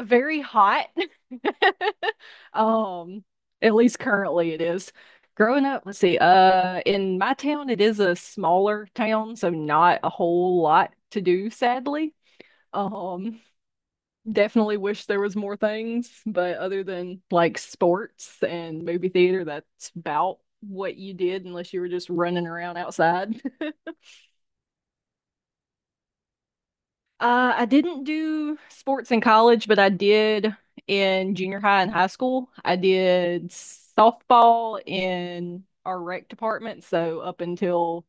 Very hot. Um, at least currently it is. Growing up, let's see, in my town, it is a smaller town, so not a whole lot to do, sadly. Um, Definitely wish there was more things, but other than like sports and movie theater, that's about what you did unless you were just running around outside. I didn't do sports in college, but I did in junior high and high school. I did softball in our rec department, so up until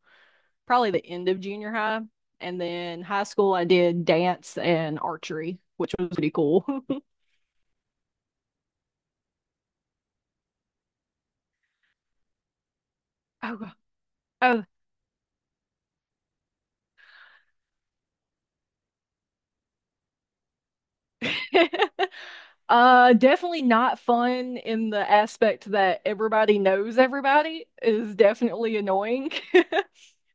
probably the end of junior high. And then high school, I did dance and archery, which was pretty cool. Oh, oh. Definitely not fun in the aspect that everybody knows everybody is definitely annoying.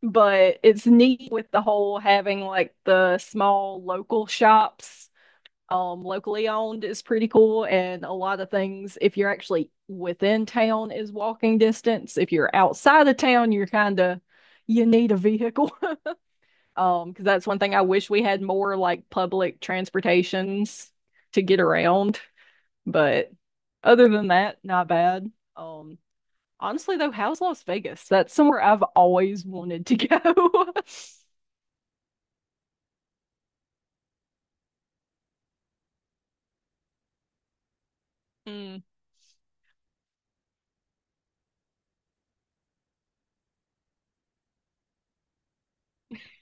But it's neat with the whole having like the small local shops, um, locally owned is pretty cool. And a lot of things, if you're actually within town, is walking distance. If you're outside of town, you're kind of, you need a vehicle. Because that's one thing I wish we had more, like public transportations to get around. But other than that, not bad. um Honestly though, how's Las Vegas? That's somewhere I've always wanted to go. Mm.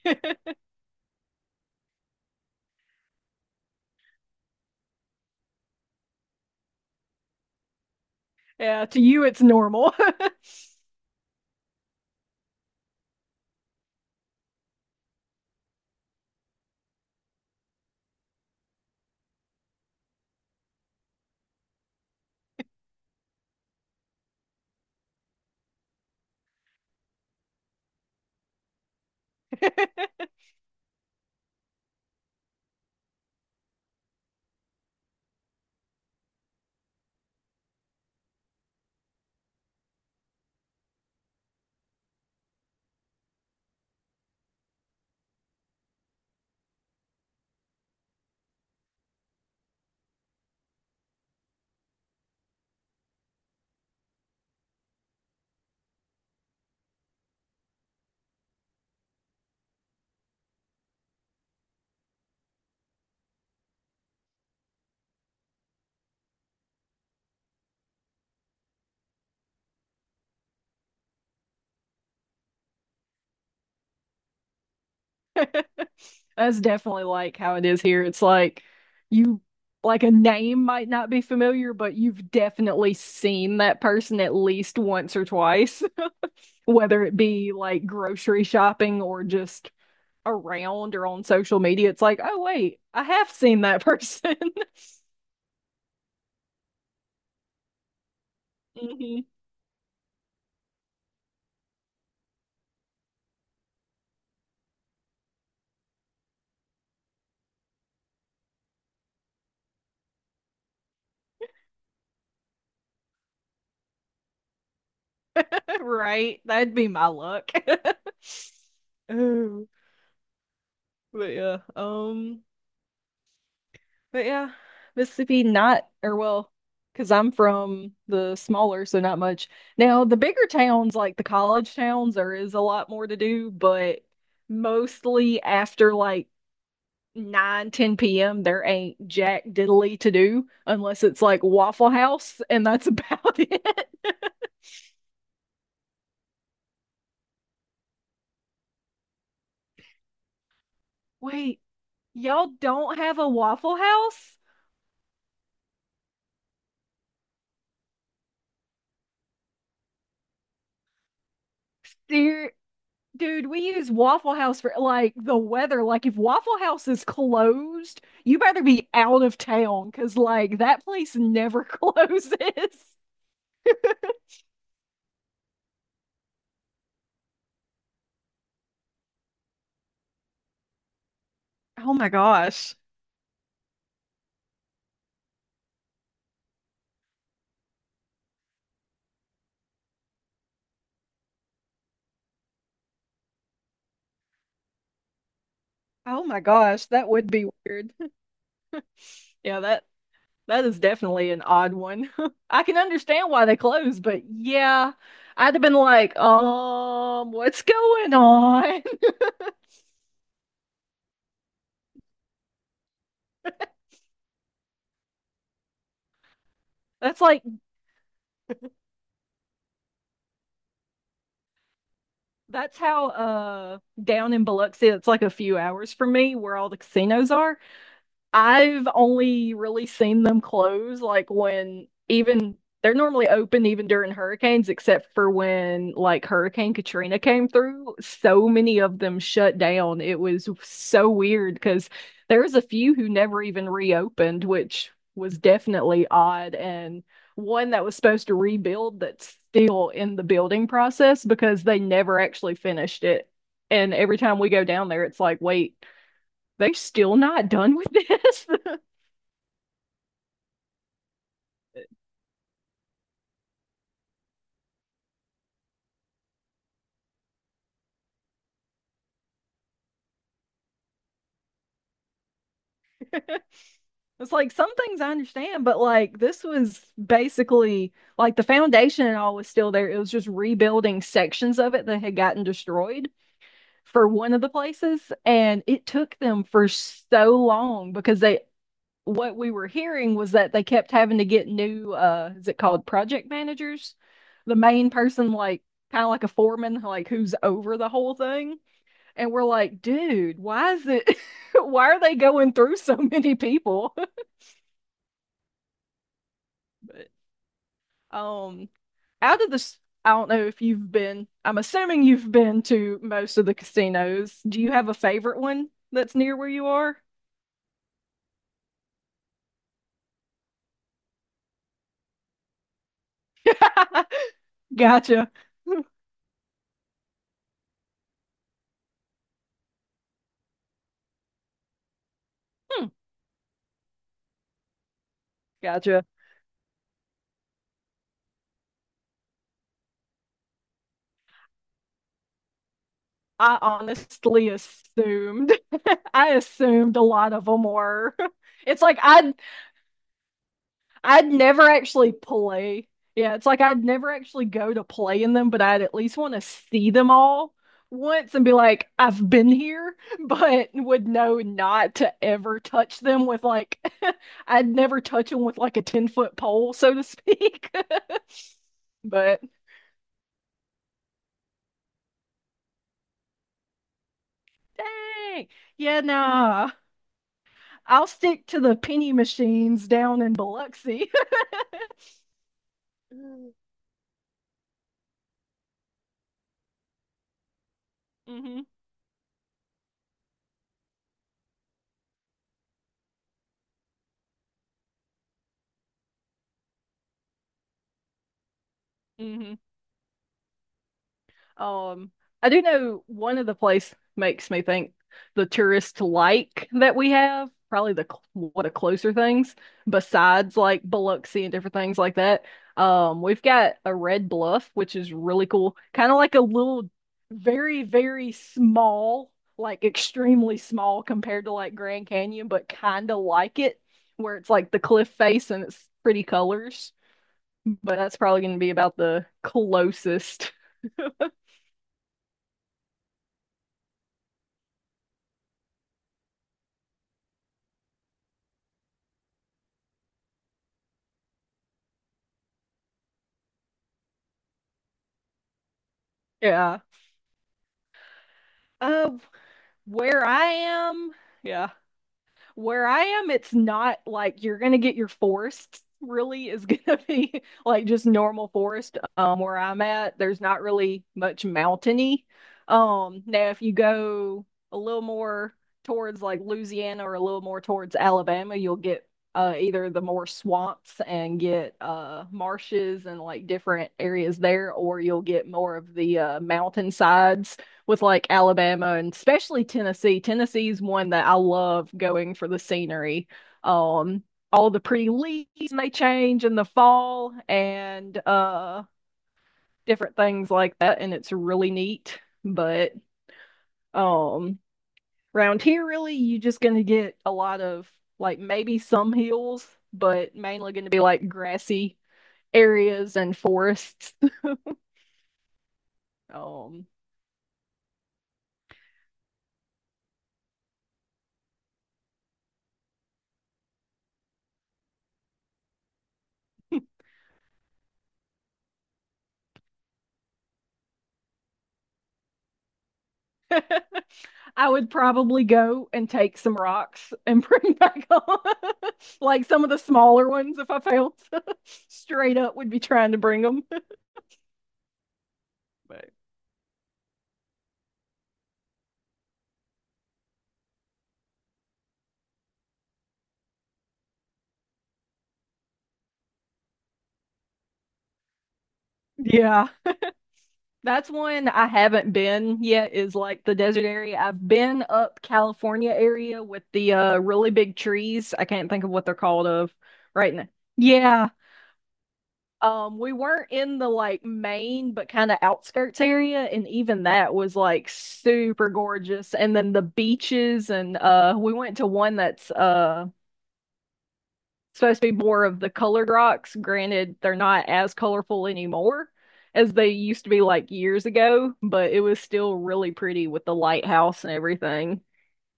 Yeah, to you it's normal. That's definitely like how it is here. It's like, you, like a name might not be familiar, but you've definitely seen that person at least once or twice, whether it be like grocery shopping or just around or on social media. It's like, oh wait, I have seen that person. Mhm. Right. That'd be my luck. Oh, but yeah. But yeah, Mississippi, not, or well, because I'm from the smaller, so not much. Now, the bigger towns, like the college towns, there is a lot more to do, but mostly after like 9, 10 p.m., there ain't jack diddly to do unless it's like Waffle House, and that's about it. Wait, y'all don't have a Waffle House? Ser Dude, we use Waffle House for like the weather. Like, if Waffle House is closed, you better be out of town because, like, that place never closes. Oh my gosh. Oh my gosh, that would be weird. Yeah, that is definitely an odd one. I can understand why they closed, but yeah, I'd have been like, what's going on? That's like that's how, uh, down in Biloxi, it's like a few hours from me where all the casinos are. I've only really seen them close like when, even, they're normally open even during hurricanes, except for when like Hurricane Katrina came through. So many of them shut down. It was so weird because there was a few who never even reopened, which was definitely odd. And one that was supposed to rebuild that's still in the building process because they never actually finished it. And every time we go down there, it's like, wait, they're still not done with this. It's like, some things I understand, but like this was basically like the foundation and all was still there. It was just rebuilding sections of it that had gotten destroyed for one of the places. And it took them for so long because they, what we were hearing was that they kept having to get new, is it called project managers? The main person, like kind of like a foreman, like who's over the whole thing. And we're like, dude, why is it, why are they going through so many people? Um, Out of this, I don't know if you've been, I'm assuming you've been to most of the casinos. Do you have a favorite one that's near where you are? Gotcha. Hmm, gotcha. I honestly assumed. I assumed a lot of them were. It's like I I'd never actually play. Yeah, it's like I'd never actually go to play in them, but I'd at least want to see them all once and be like, I've been here, but would know not to ever touch them with like, I'd never touch them with like a 10-foot foot pole, so to speak. But dang, yeah, nah, I'll stick to the penny machines down in Biloxi. Mm-hmm, mm-hmm. Um, I do know one of the place makes me think the tourist like that we have, probably the one of the closer things besides like Biloxi and different things like that. We've got a Red Bluff, which is really cool. Kind of like a little, very, very small, like extremely small compared to like Grand Canyon, but kind of like it, where it's like the cliff face and it's pretty colors. But that's probably going to be about the closest. Yeah. Uh, where I am, yeah, where I am, it's not like you're gonna get your forests, really is gonna be like just normal forest. Where I'm at, there's not really much mountainy. Now if you go a little more towards like Louisiana or a little more towards Alabama, you'll get, uh, either the more swamps and get, uh, marshes and like different areas there, or you'll get more of the, uh, mountain sides with like Alabama and especially Tennessee. Tennessee's one that I love going for the scenery. Um, all the pretty leaves may change in the fall, and, uh, different things like that, and it's really neat. But um around here, really, you're just gonna get a lot of, like, maybe some hills, but mainly gonna be like grassy areas and forests. Um I would probably go and take some rocks and bring back on, like some of the smaller ones. If I failed, straight up would be trying to bring them. Right. Yeah, that's one I haven't been yet. Is like the desert area. I've been up California area with the, uh, really big trees. I can't think of what they're called of right now. Yeah. We weren't in the like main, but kind of outskirts area, and even that was like super gorgeous. And then the beaches, and, we went to one that's, uh, supposed to be more of the colored rocks. Granted, they're not as colorful anymore as they used to be like years ago, but it was still really pretty with the lighthouse and everything.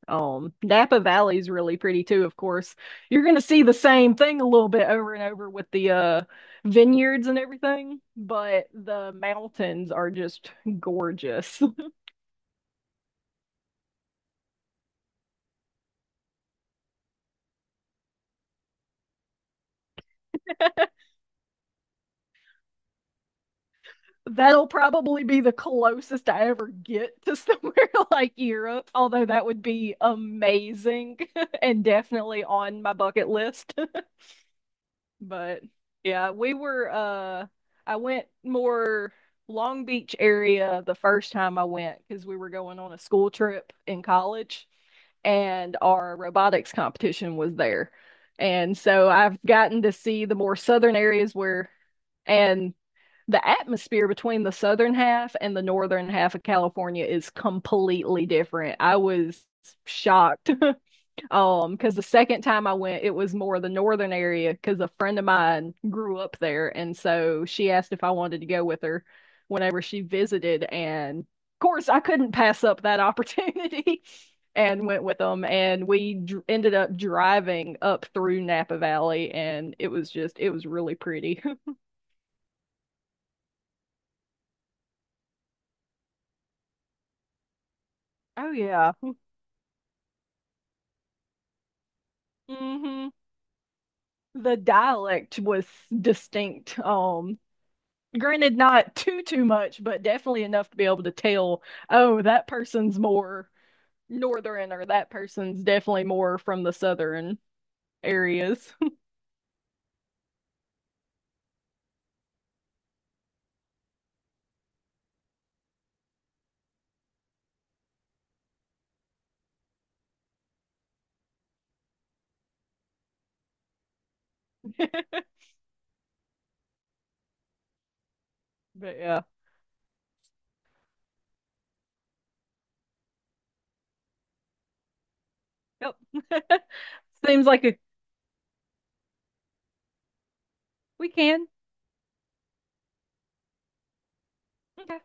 Napa Valley is really pretty too, of course. You're gonna see the same thing a little bit over and over with the, uh, vineyards and everything, but the mountains are just gorgeous. That'll probably be the closest I ever get to somewhere like Europe, although that would be amazing and definitely on my bucket list. But yeah, we were I went more Long Beach area the first time I went because we were going on a school trip in college and our robotics competition was there. And so I've gotten to see the more southern areas where, and the atmosphere between the southern half and the northern half of California is completely different. I was shocked. Because the second time I went, it was more the northern area because a friend of mine grew up there, and so she asked if I wanted to go with her whenever she visited, and of course I couldn't pass up that opportunity and went with them, and we dr ended up driving up through Napa Valley, and it was just, it was really pretty. Oh yeah. Hmm. The dialect was distinct. Granted, not too much, but definitely enough to be able to tell, oh, that person's more northern or that person's definitely more from the southern areas. But yeah. Yep. Seems like a, we can. Okay.